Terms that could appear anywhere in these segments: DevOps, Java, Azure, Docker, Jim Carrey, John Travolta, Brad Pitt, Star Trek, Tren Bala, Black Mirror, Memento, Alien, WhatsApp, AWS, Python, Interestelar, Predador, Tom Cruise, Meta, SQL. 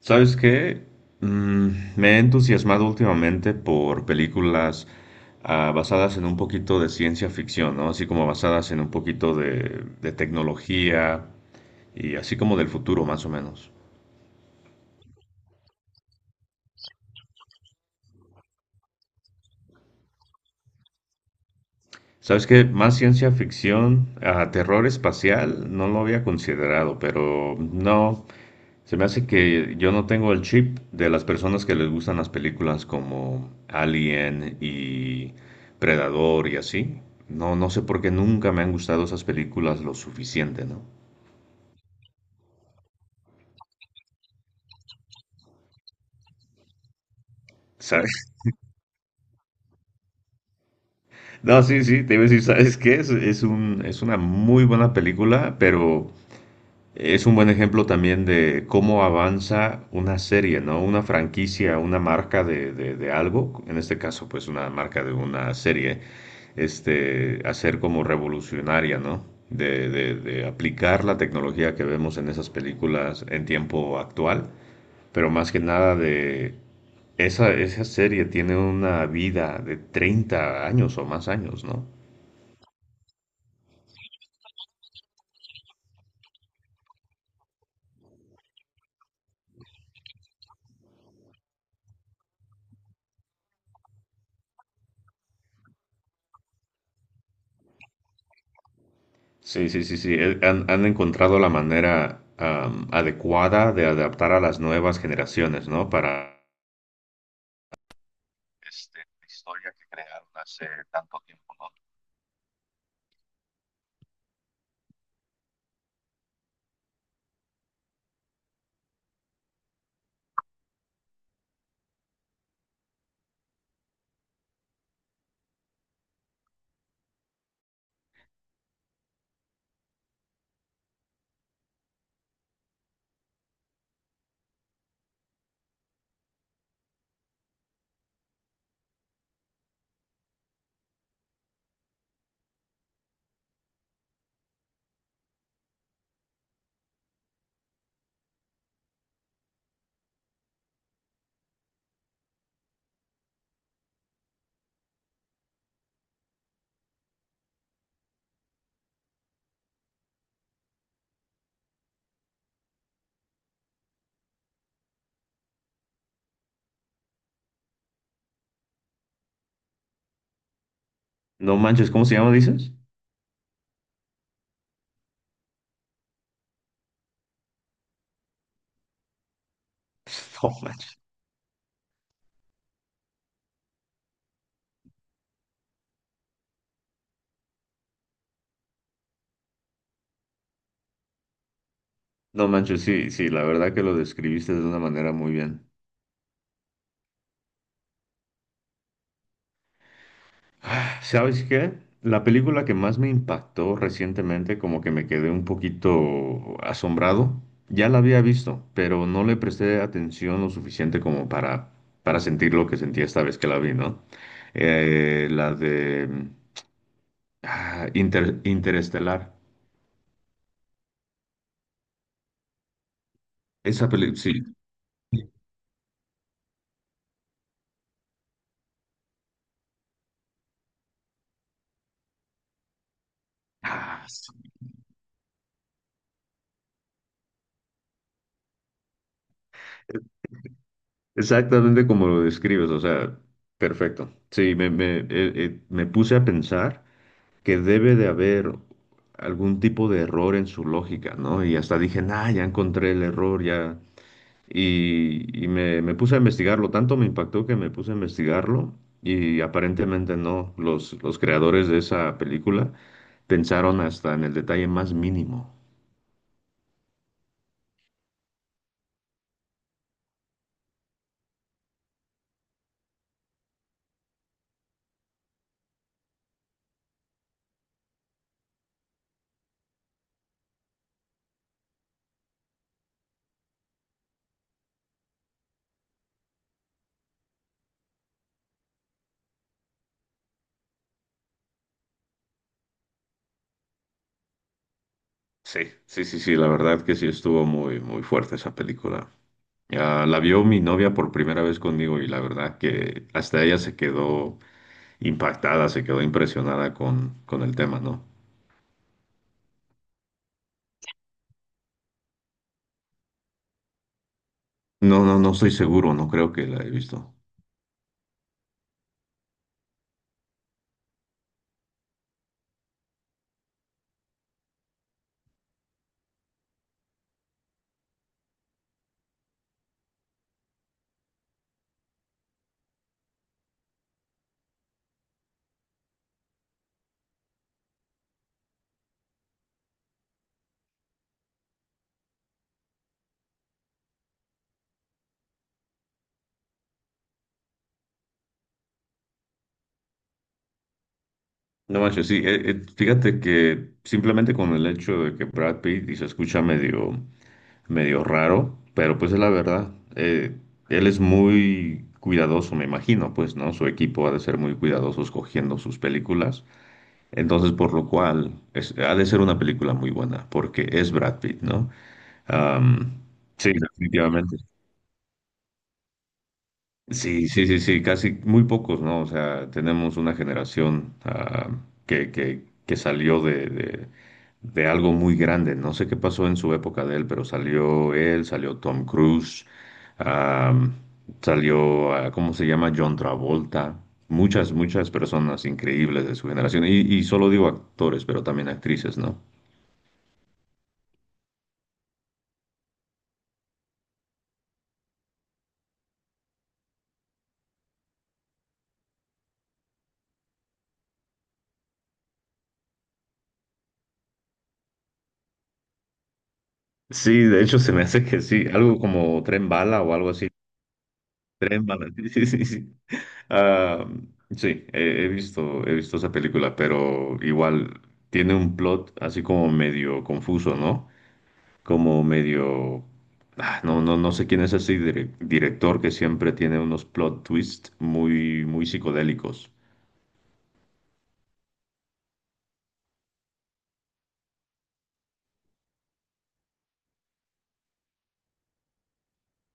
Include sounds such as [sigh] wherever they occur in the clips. ¿Sabes qué? Mm, me he entusiasmado últimamente por películas basadas en un poquito de ciencia ficción, ¿no? Así como basadas en un poquito de tecnología y así como del futuro, más o menos. ¿Sabes qué? Más ciencia ficción, terror espacial, no lo había considerado, pero no. Se me hace que yo no tengo el chip de las personas que les gustan las películas como Alien y Predador y así. No, no sé por qué nunca me han gustado esas películas lo suficiente, ¿no? ¿Sabes? [laughs] No, sí, sí, te iba a decir, ¿sabes qué? Es una muy buena película, pero es un buen ejemplo también de cómo avanza una serie, ¿no? Una franquicia, una marca de algo, en este caso, pues una marca de una serie, hacer como revolucionaria, ¿no? De aplicar la tecnología que vemos en esas películas en tiempo actual, pero más que nada de esa serie tiene una vida de 30 años o más años, ¿no? Sí, sí, sí, sí. Han encontrado la manera adecuada de adaptar a las nuevas generaciones, ¿no? Para la historia que crean. No manches, ¿cómo se llama, dices? [laughs] No manches. No manches, sí, sí, la verdad que lo describiste de una manera muy bien. ¿Sabes qué? La película que más me impactó recientemente, como que me quedé un poquito asombrado, ya la había visto, pero no le presté atención lo suficiente como para sentir lo que sentí esta vez que la vi, ¿no? La de Interestelar. Esa película, sí. Ah, sí. Exactamente como lo describes, o sea, perfecto. Sí, me puse a pensar que debe de haber algún tipo de error en su lógica, ¿no? Y hasta dije, nah, ya encontré el error, ya. Y me puse a investigarlo, tanto me impactó que me puse a investigarlo y aparentemente no, los creadores de esa película pensaron hasta en el detalle más mínimo. Sí, sí, sí, sí, la verdad que sí estuvo muy, muy fuerte esa película. Ah, la vio mi novia por primera vez conmigo y la verdad que hasta ella se quedó impactada, se quedó impresionada con el tema, ¿no? ¿no? No, no estoy seguro, no creo que la he visto. No manches, sí, fíjate que simplemente con el hecho de que Brad Pitt y se escucha medio, medio raro, pero pues es la verdad, eh, él es muy cuidadoso, me imagino, pues, ¿no? Su equipo ha de ser muy cuidadoso escogiendo sus películas, entonces por lo cual ha de ser una película muy buena, porque es Brad Pitt, ¿no? Am, sí, definitivamente. Sí, sí, sí, sí, casi muy pocos, ¿no? O sea, tenemos una generación que salió de algo muy grande. No sé qué pasó en su época de él, pero salió él, salió Tom Cruise, ah, salió, ¿cómo se llama? John Travolta. Muchas, muchas personas increíbles de su generación. Y solo digo actores, pero también actrices, ¿no? Sí, de hecho se me hace que sí, algo como Tren Bala o algo así. Tres malas. [laughs] Sí, sí, sí. Ah, sí, he visto esa película, pero igual tiene un plot así como medio confuso, ¿no? Como medio. No, no, no sé quién es ese director que siempre tiene unos plot twists muy, muy psicodélicos.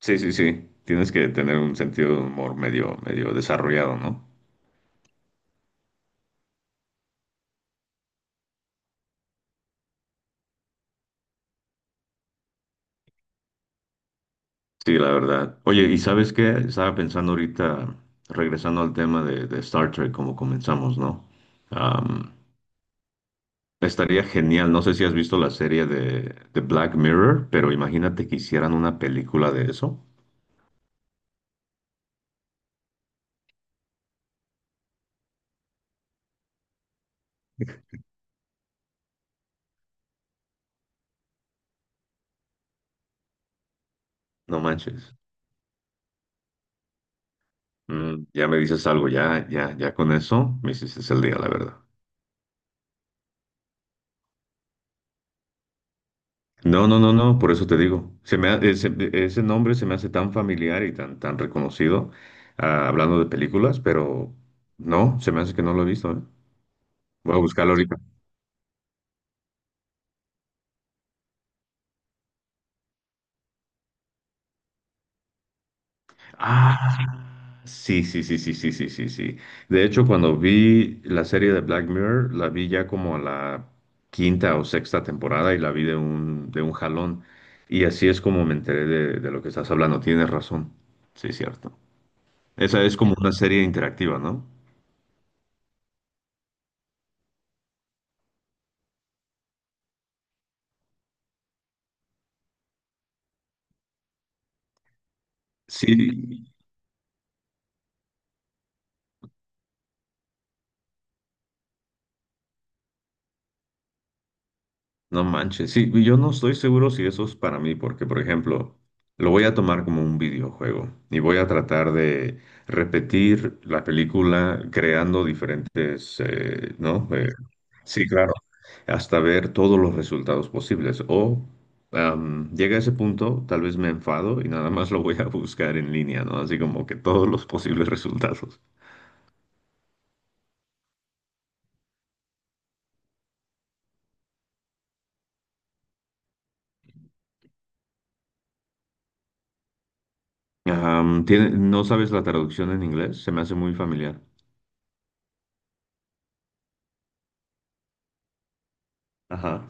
Sí, sí, sí. Tienes que tener un sentido de humor medio, medio desarrollado, ¿no? Sí, la verdad. Oye, ¿y sabes qué? Estaba pensando ahorita, regresando al tema de Star Trek, como comenzamos, ¿no? Am, Estaría genial, no sé si has visto la serie de Black Mirror, pero imagínate que hicieran una película de eso. No manches. Ya me dices algo, ya, ya, ya con eso me hiciste el día, la verdad. No, no, no, no, por eso te digo. Se me ha- ese nombre se me hace tan familiar y tan, tan reconocido, hablando de películas, pero no, se me hace que no lo he visto, ¿eh? Voy a buscarlo ahorita. Ah, sí, sí, sí, sí, sí, sí, sí, sí. De hecho, cuando vi la serie de Black Mirror, la vi ya como a la quinta o sexta temporada y la vi de un jalón. Y así es como me enteré de lo que estás hablando. Tienes razón. Sí, cierto. Esa es como una serie interactiva, ¿no? Sí, no manches, sí, y yo no estoy seguro si eso es para mí, porque por ejemplo, lo voy a tomar como un videojuego y voy a tratar de repetir la película creando diferentes, ¿no? Sí, claro, hasta ver todos los resultados posibles. O llega a ese punto, tal vez me enfado y nada más lo voy a buscar en línea, ¿no? Así como que todos los posibles resultados. ¿No sabes la traducción en inglés? Se me hace muy familiar. Ajá.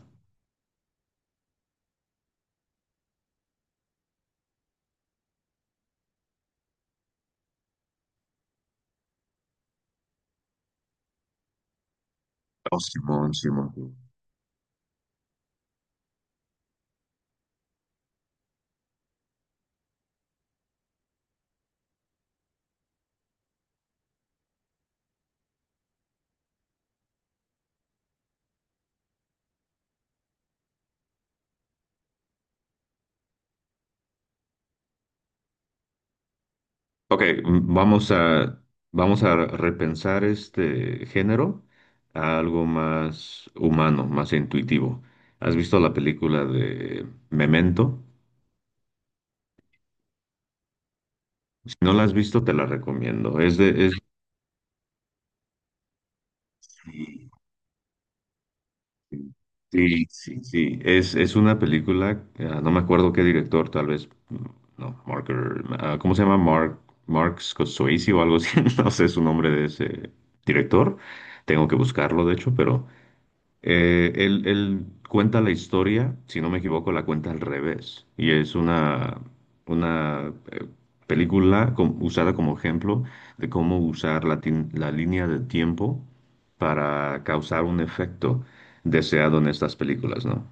Oh, Simón, Simón. Ok, vamos a repensar este género a algo más humano, más intuitivo. ¿Has visto la película de Memento? Si no la has visto, te la recomiendo. Sí, sí, sí, sí. Es una película, no me acuerdo qué director, tal vez, no, Marker, ¿cómo se llama? Mark Scorsese o algo así, [laughs] no sé su nombre de ese director. Tengo que buscarlo, de hecho, pero. Él cuenta la historia, si no me equivoco, la cuenta al revés. Y es una película usada como ejemplo de cómo usar la línea de tiempo para causar un efecto deseado en estas películas, ¿no?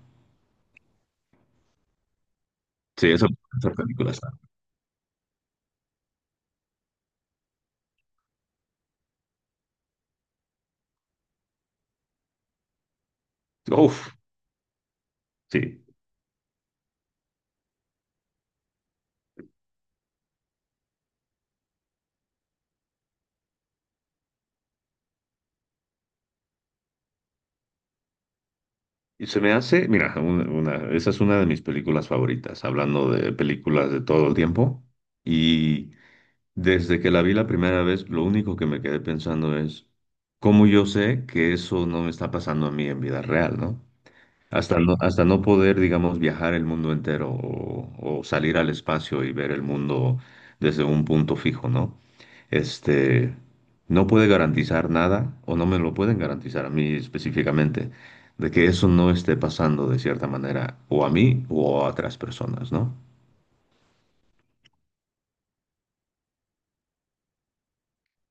Sí, esa película está. Uf, sí. Se me hace, mira, esa es una de mis películas favoritas, hablando de películas de todo el tiempo. Y. Desde que la vi la primera vez, lo único que me quedé pensando es cómo yo sé que eso no me está pasando a mí en vida real, ¿no? Hasta no poder, digamos, viajar el mundo entero o salir al espacio y ver el mundo desde un punto fijo, ¿no? Este, no puede garantizar nada o no me lo pueden garantizar a mí específicamente de que eso no esté pasando de cierta manera o a mí o a otras personas, ¿no?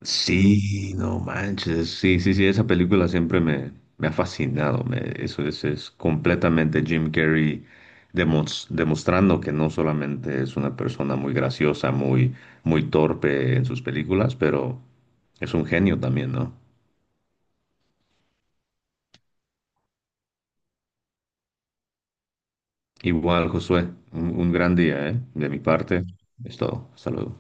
Sí, no manches. Sí, sí, sí, esa película siempre me ha fascinado. Eso es completamente Jim Carrey demostrando que no solamente es una persona muy graciosa, muy, muy torpe en sus películas, pero es un genio también, ¿no? Igual, Josué, un gran día, ¿eh? De mi parte, es todo. Hasta luego.